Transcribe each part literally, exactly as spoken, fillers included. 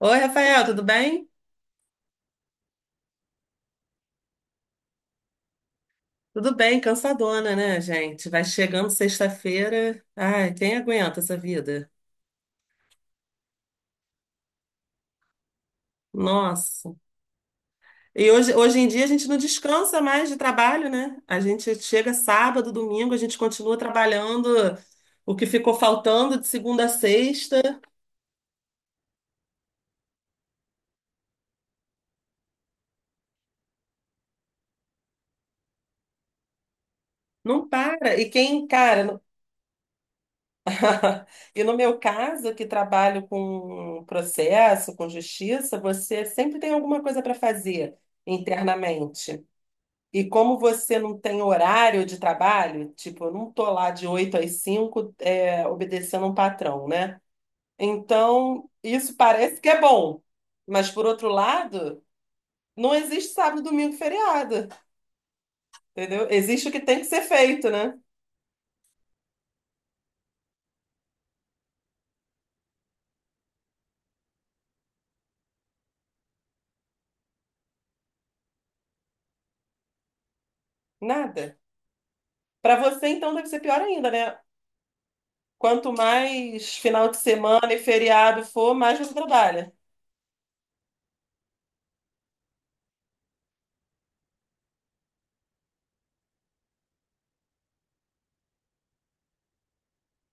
Oi, Rafael, tudo bem? Tudo bem, cansadona, né, gente? Vai chegando sexta-feira. Ai, quem aguenta essa vida? Nossa. E hoje, hoje em dia a gente não descansa mais de trabalho, né? A gente chega sábado, domingo, a gente continua trabalhando o que ficou faltando de segunda a sexta. Não para. E quem, cara, no- e no meu caso, que trabalho com processo, com justiça, você sempre tem alguma coisa para fazer internamente. E como você não tem horário de trabalho, tipo, eu não tô lá de oito às cinco, é, obedecendo um patrão, né? Então, isso parece que é bom. Mas, por outro lado, não existe sábado, domingo, feriado, entendeu? Existe o que tem que ser feito, né? Nada. Para você, então, deve ser pior ainda, né? Quanto mais final de semana e feriado for, mais você trabalha.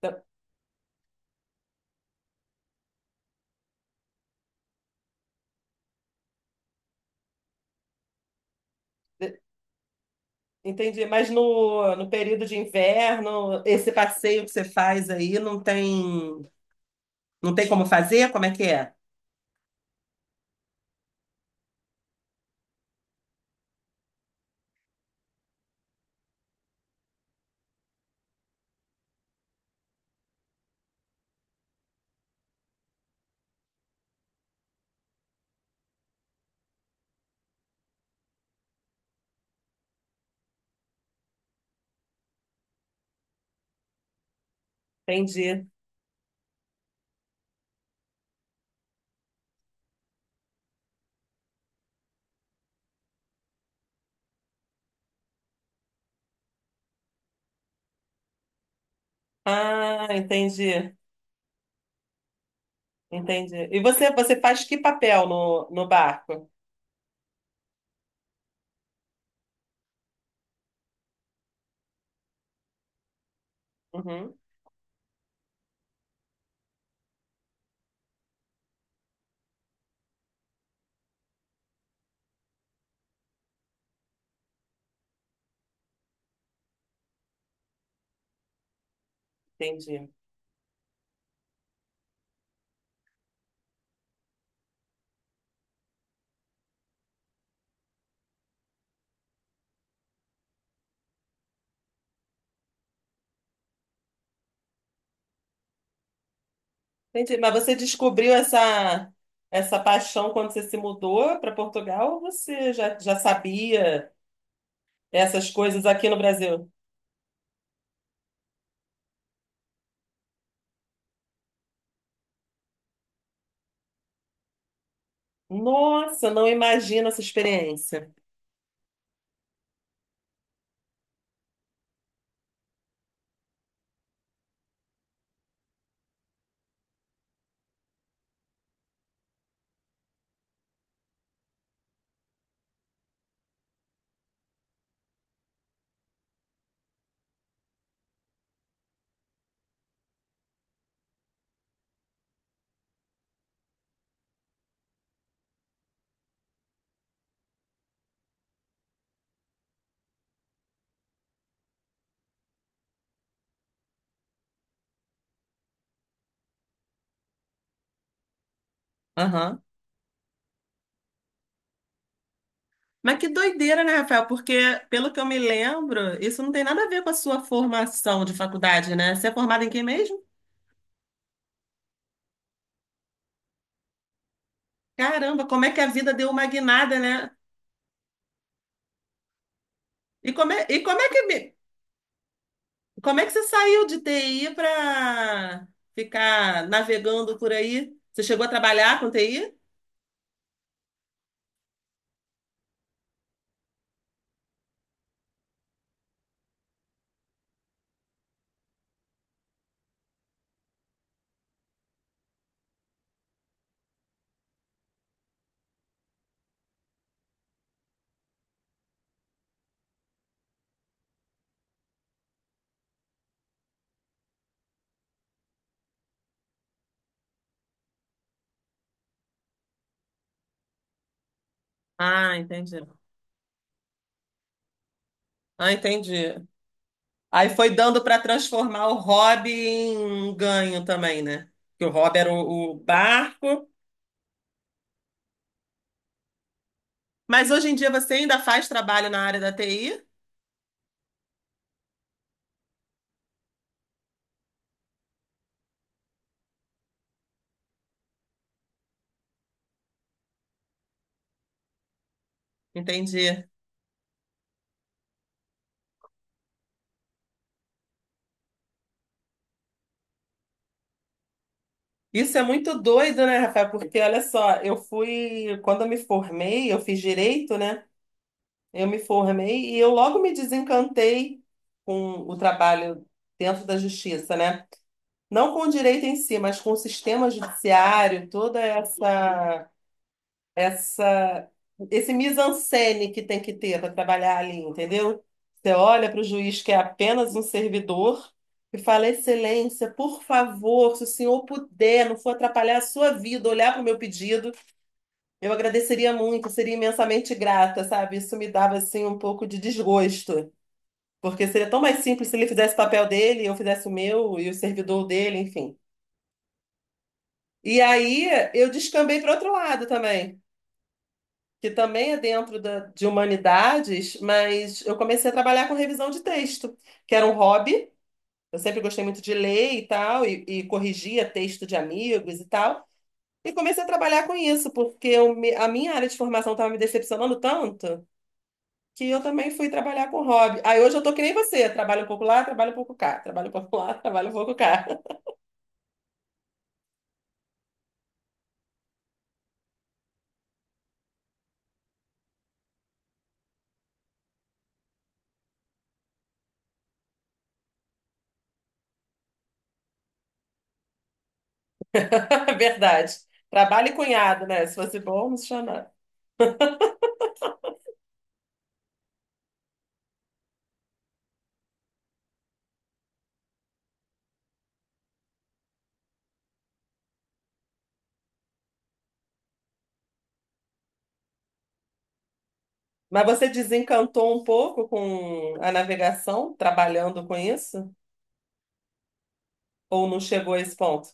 Tá, entendi. Mas no, no período de inverno, esse passeio que você faz aí não tem. Não tem como fazer? Como é que é? Entendi. Ah, entendi. Entendi. E você, você faz que papel no, no barco? Uhum, entendi. Entendi. Mas você descobriu essa, essa paixão quando você se mudou para Portugal ou você já, já sabia? Essas coisas aqui no Brasil. Nossa, não imagino essa experiência. Aham. Mas que doideira, né, Rafael? Porque, pelo que eu me lembro, isso não tem nada a ver com a sua formação de faculdade, né? Você é formado em quem mesmo? Caramba, como é que a vida deu uma guinada, né? E como é, e como é que, me- como é que você saiu de T I para ficar navegando por aí? Você chegou a trabalhar com T I? Ah, entendi. Ah, entendi. Aí foi dando para transformar o hobby em um ganho também, né? Que o hobby era o, o barco. Mas hoje em dia você ainda faz trabalho na área da T I? Entendi. Isso é muito doido, né, Rafael? Porque olha só, eu fui, quando eu me formei, eu fiz direito, né? Eu me formei e eu logo me desencantei com o trabalho dentro da justiça, né? Não com o direito em si, mas com o sistema judiciário, toda essa essa esse mise-en-scène que tem que ter para trabalhar ali, entendeu? Você olha para o juiz que é apenas um servidor e fala: Excelência, por favor, se o senhor puder, não for atrapalhar a sua vida, olhar para o meu pedido, eu agradeceria muito, seria imensamente grata, sabe? Isso me dava assim um pouco de desgosto, porque seria tão mais simples se ele fizesse o papel dele, eu fizesse o meu e o servidor dele, enfim. E aí eu descambei para outro lado também. Que também é dentro da, de humanidades, mas eu comecei a trabalhar com revisão de texto, que era um hobby. Eu sempre gostei muito de ler e tal, e, e corrigia texto de amigos e tal. E comecei a trabalhar com isso, porque eu me- a minha área de formação estava me decepcionando tanto que eu também fui trabalhar com hobby. Aí hoje eu tô que nem você, trabalho um pouco lá, trabalho um pouco cá, trabalho um pouco lá, trabalho um pouco cá. Verdade. Trabalho e cunhado, né? Se fosse bom, não se chama. Mas você desencantou um pouco com a navegação, trabalhando com isso? Ou não chegou a esse ponto?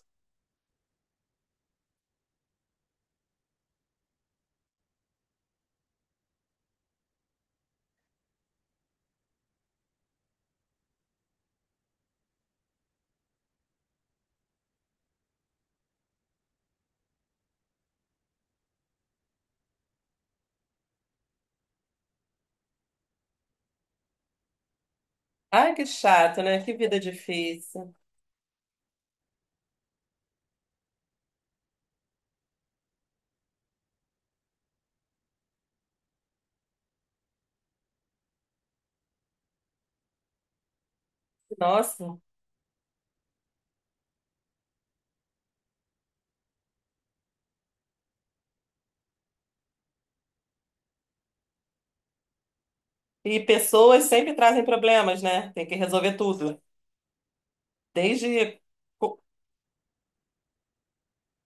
Ai, que chato, né? Que vida difícil. Nossa. E pessoas sempre trazem problemas, né? Tem que resolver tudo. Desde co-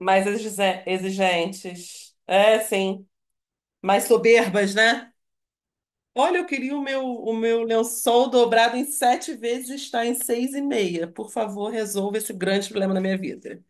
mais exize- exigentes. É, sim. Mais soberbas, né? Olha, eu queria o meu, o meu lençol dobrado em sete vezes, está em seis e meia. Por favor, resolva esse grande problema na minha vida.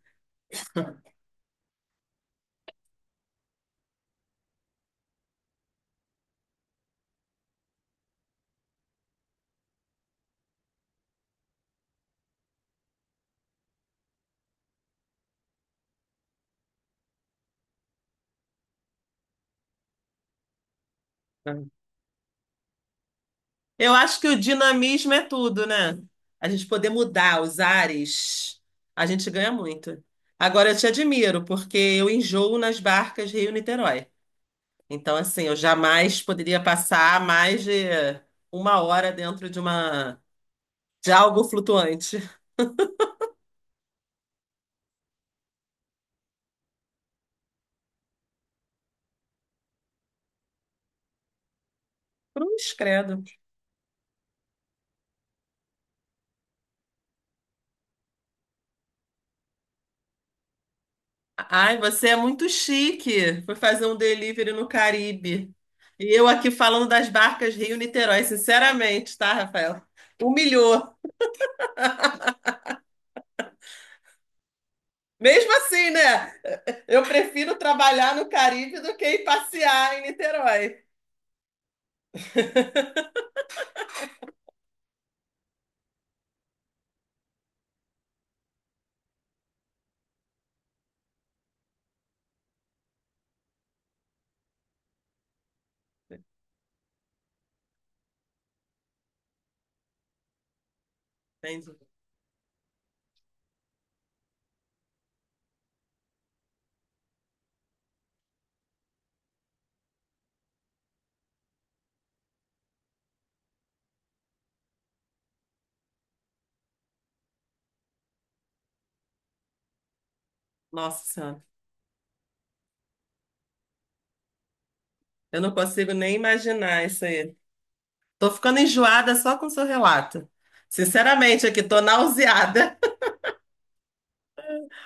É. Eu acho que o dinamismo é tudo, né? A gente poder mudar os ares, a gente ganha muito. Agora eu te admiro, porque eu enjoo nas barcas Rio-Niterói. Então, assim, eu jamais poderia passar mais de uma hora dentro de uma de algo flutuante. Cruz, credo. Ai, você é muito chique. Foi fazer um delivery no Caribe. E eu aqui falando das barcas Rio-Niterói, sinceramente, tá, Rafael? Humilhou. Mesmo assim, né? Eu prefiro trabalhar no Caribe do que ir passear em Niterói. Entendi. Nossa Senhora, eu não consigo nem imaginar isso aí. Tô ficando enjoada só com o seu relato. Sinceramente, aqui tô nauseada.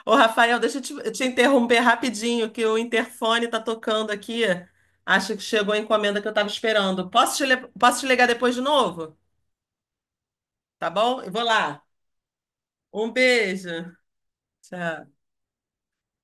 Ô, Rafael, deixa eu te, eu te interromper rapidinho, que o interfone tá tocando aqui. Acho que chegou a encomenda que eu tava esperando. Posso te, le- posso te ligar depois de novo? Tá bom? Eu vou lá. Um beijo. Tchau.